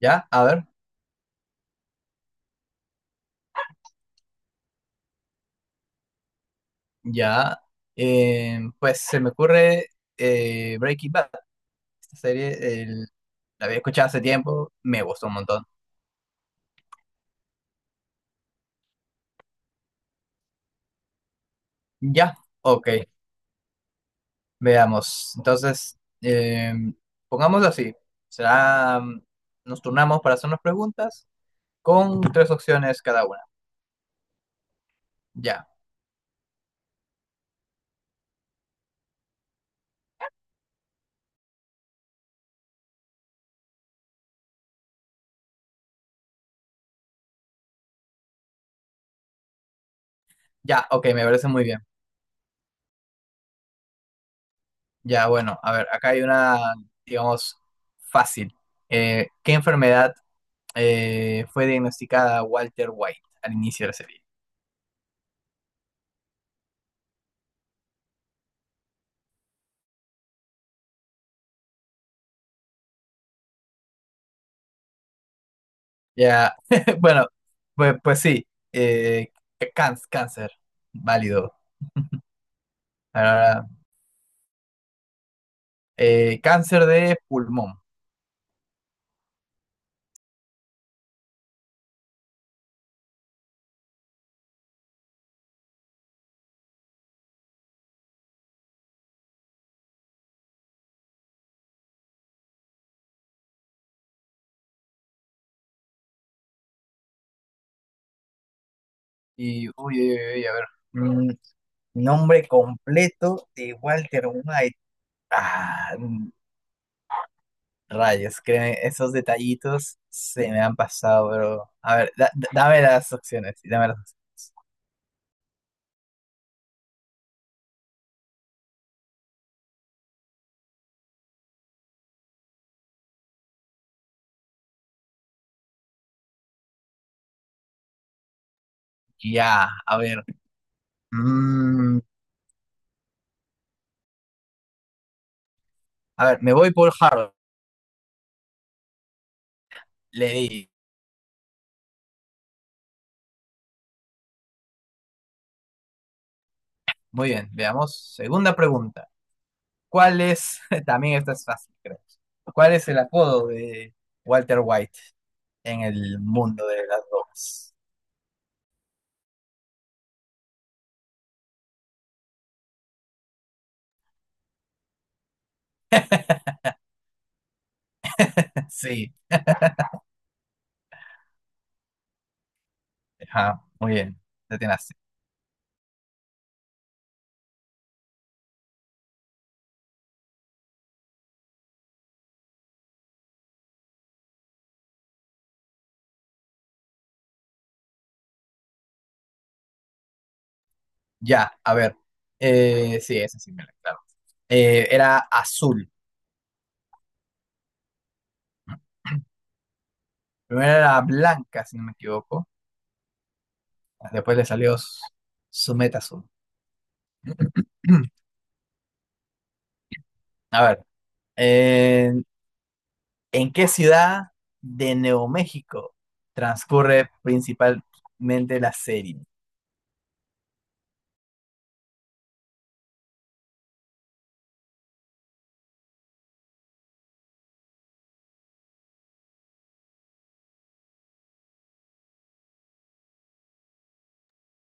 Ya, a ver, ya. Pues se me ocurre Breaking Bad. Esta serie el- la había escuchado hace tiempo, me gustó un montón. Ya, ok, veamos. Entonces, pongámoslo así. Será, nos turnamos para hacernos preguntas con tres opciones cada una. Ya, ya, ok, me parece muy bien. Ya, bueno, a ver, acá hay una, digamos, fácil. ¿Qué enfermedad fue diagnosticada Walter White al inicio de la serie? Ya, bueno, pues, pues sí, eh, cáncer, válido. Ahora, cáncer de pulmón. Y, uy, uy, uy, a ver. mm, Nombre completo de Walter White. Ah, rayos, créeme, esos detallitos se me han pasado, pero. A ver, dame las opciones, dame las opciones. Ya, a ver. mm, a ver, me voy por Harold. Leí. Muy bien, veamos. Segunda pregunta. ¿Cuál es, también esta es fácil, creo. ¿Cuál es el apodo de Walter White en el mundo de las drogas? Sí, ajá, muy bien, detenaste. Ya, a ver. Sí, esa sí me la claro. Era azul. Primero era blanca, si no me equivoco. Después le salió su meta azul. A ver. eh, ¿En qué ciudad de Nuevo México transcurre principalmente la serie?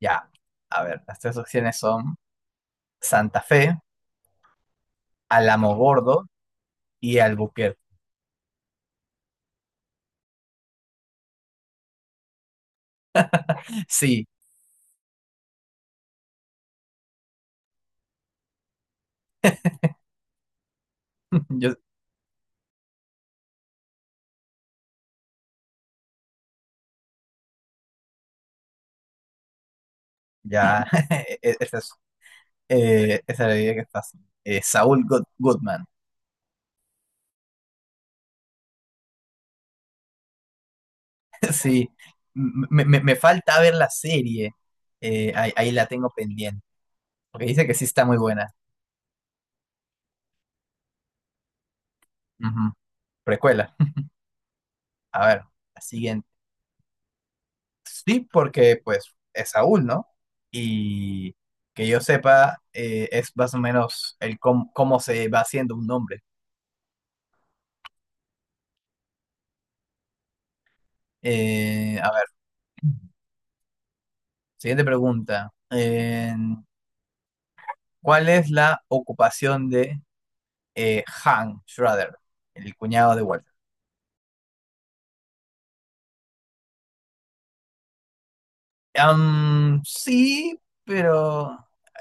Ya, a ver, las tres opciones son Santa Fe, Alamogordo y Albuquerque. Sí, yo ya, e- e- esa es, esa es la idea que es fácil. Saúl Goodman. Sí, me falta ver la serie. Ahí, ahí la tengo pendiente. Porque dice que sí está muy buena. Ujú. Precuela. A ver, la siguiente. Sí, porque pues es Saúl, ¿no? Y que yo sepa, es más o menos el cómo, cómo se va haciendo un nombre. A ver, siguiente pregunta. ¿Cuál es la ocupación de Han Schrader, el cuñado de Walter? Am, sí, pero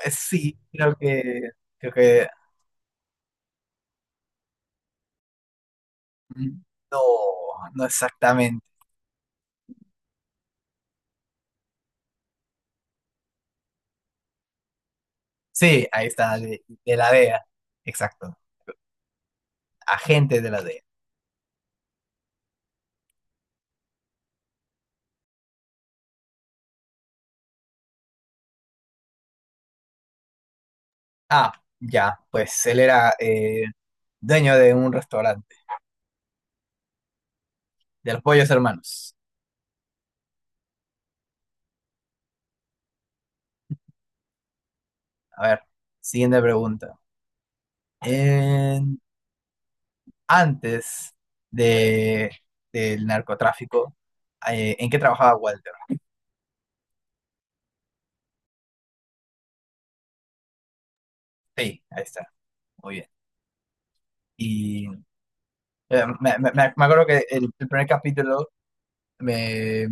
sí, creo que mm, no, no exactamente. Sí, ahí está, de la DEA, exacto. Agente de la DEA. Ah, ya, pues él era dueño de un restaurante, de los Pollos Hermanos. A ver, siguiente pregunta. En- Antes de, del narcotráfico, ¿en qué trabajaba Walter? Sí, ahí está, muy bien. Y me acuerdo que el primer capítulo me,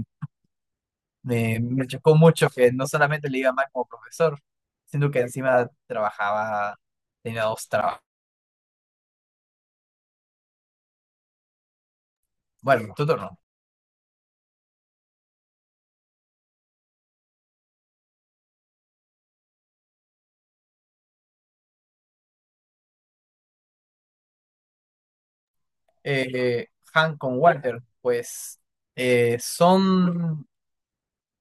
me chocó mucho que no solamente le iba mal como profesor, sino que encima trabajaba, tenía dos trabajos. Bueno, tu turno. eh, Han con Walter, pues son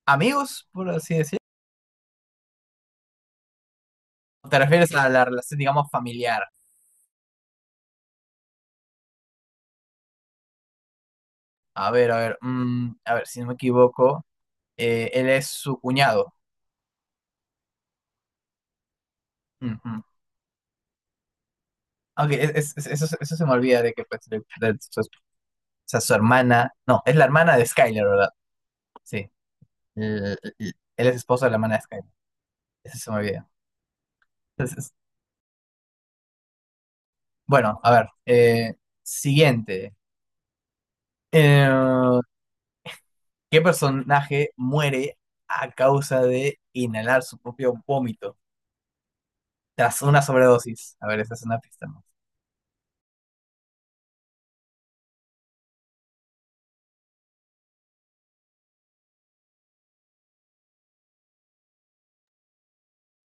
amigos, por así decirlo. ¿Te refieres a la relación, digamos, familiar? A ver, si no me equivoco, él es su cuñado. Ujú. Ok, eso, eso se me olvida de que pues, de su, o sea, su hermana, no, es la hermana de Skyler, ¿verdad? Sí, él es esposo de la hermana de Skyler, eso se me olvida. Entonces, bueno, a ver, siguiente. Eh, ¿Qué personaje muere a causa de inhalar su propio vómito tras una sobredosis? A ver, esa es una pista más.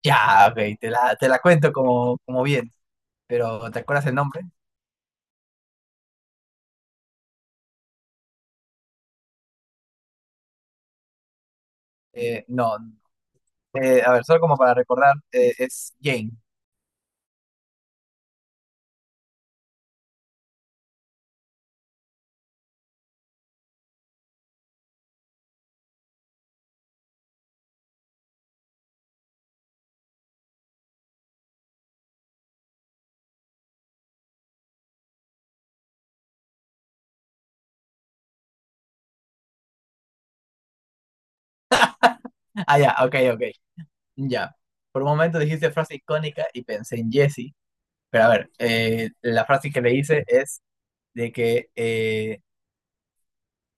Ya, ok, te la cuento como, como bien, pero ¿te acuerdas el nombre? No. A ver, solo como para recordar, es Jane. Ah, ya, ok, ok, ya. Por un momento dijiste frase icónica y pensé en Jesse, pero a ver, la frase que le hice es de que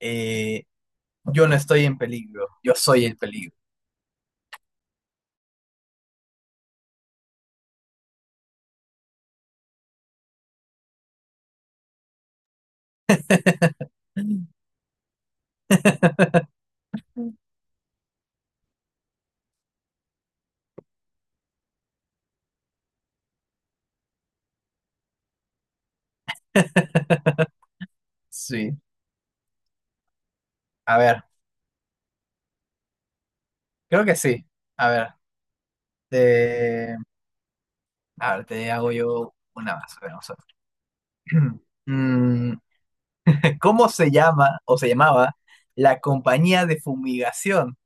eh, yo no estoy en peligro, yo soy el peligro. Sí. A ver, creo que sí. A ver, te- a ver, te hago yo una más. A ver, vamos a ver. Mm, ¿Cómo se llama o se llamaba la compañía de fumigación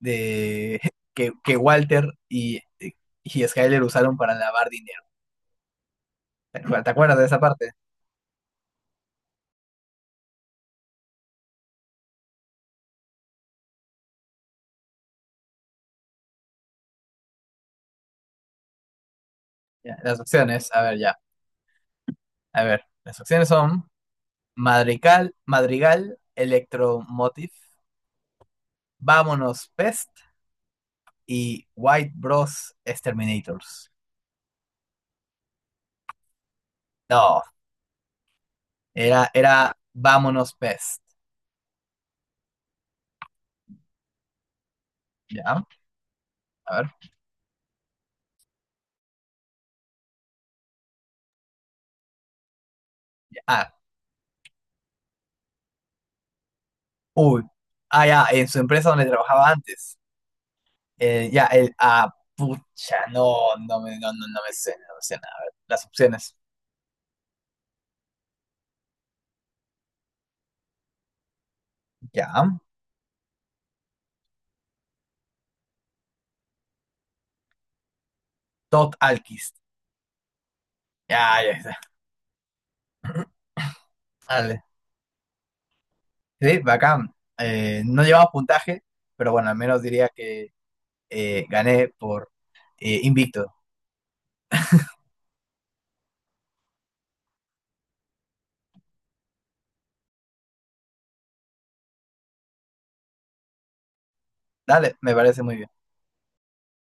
de que Walter y Skyler usaron para lavar dinero? Te acuerdas de esa parte? Ya, las opciones, a ver, ya. A ver, las opciones son Madrigal, Madrigal, Electromotive, Vámonos Pest y White Bros. Exterminators. No, era, era Vámonos Pest. Ya, a ver. Ya, ah, uy. Ah, ya, en su empresa donde trabajaba antes. Ya, el. Ah, pucha, no me sé, no me sé nada. A ver, las opciones. Ya. Todd Alquist. Ya, ya está. Dale. Sí, bacán. No llevaba puntaje, pero bueno, al menos diría que gané por invicto. Dale, me parece muy bien.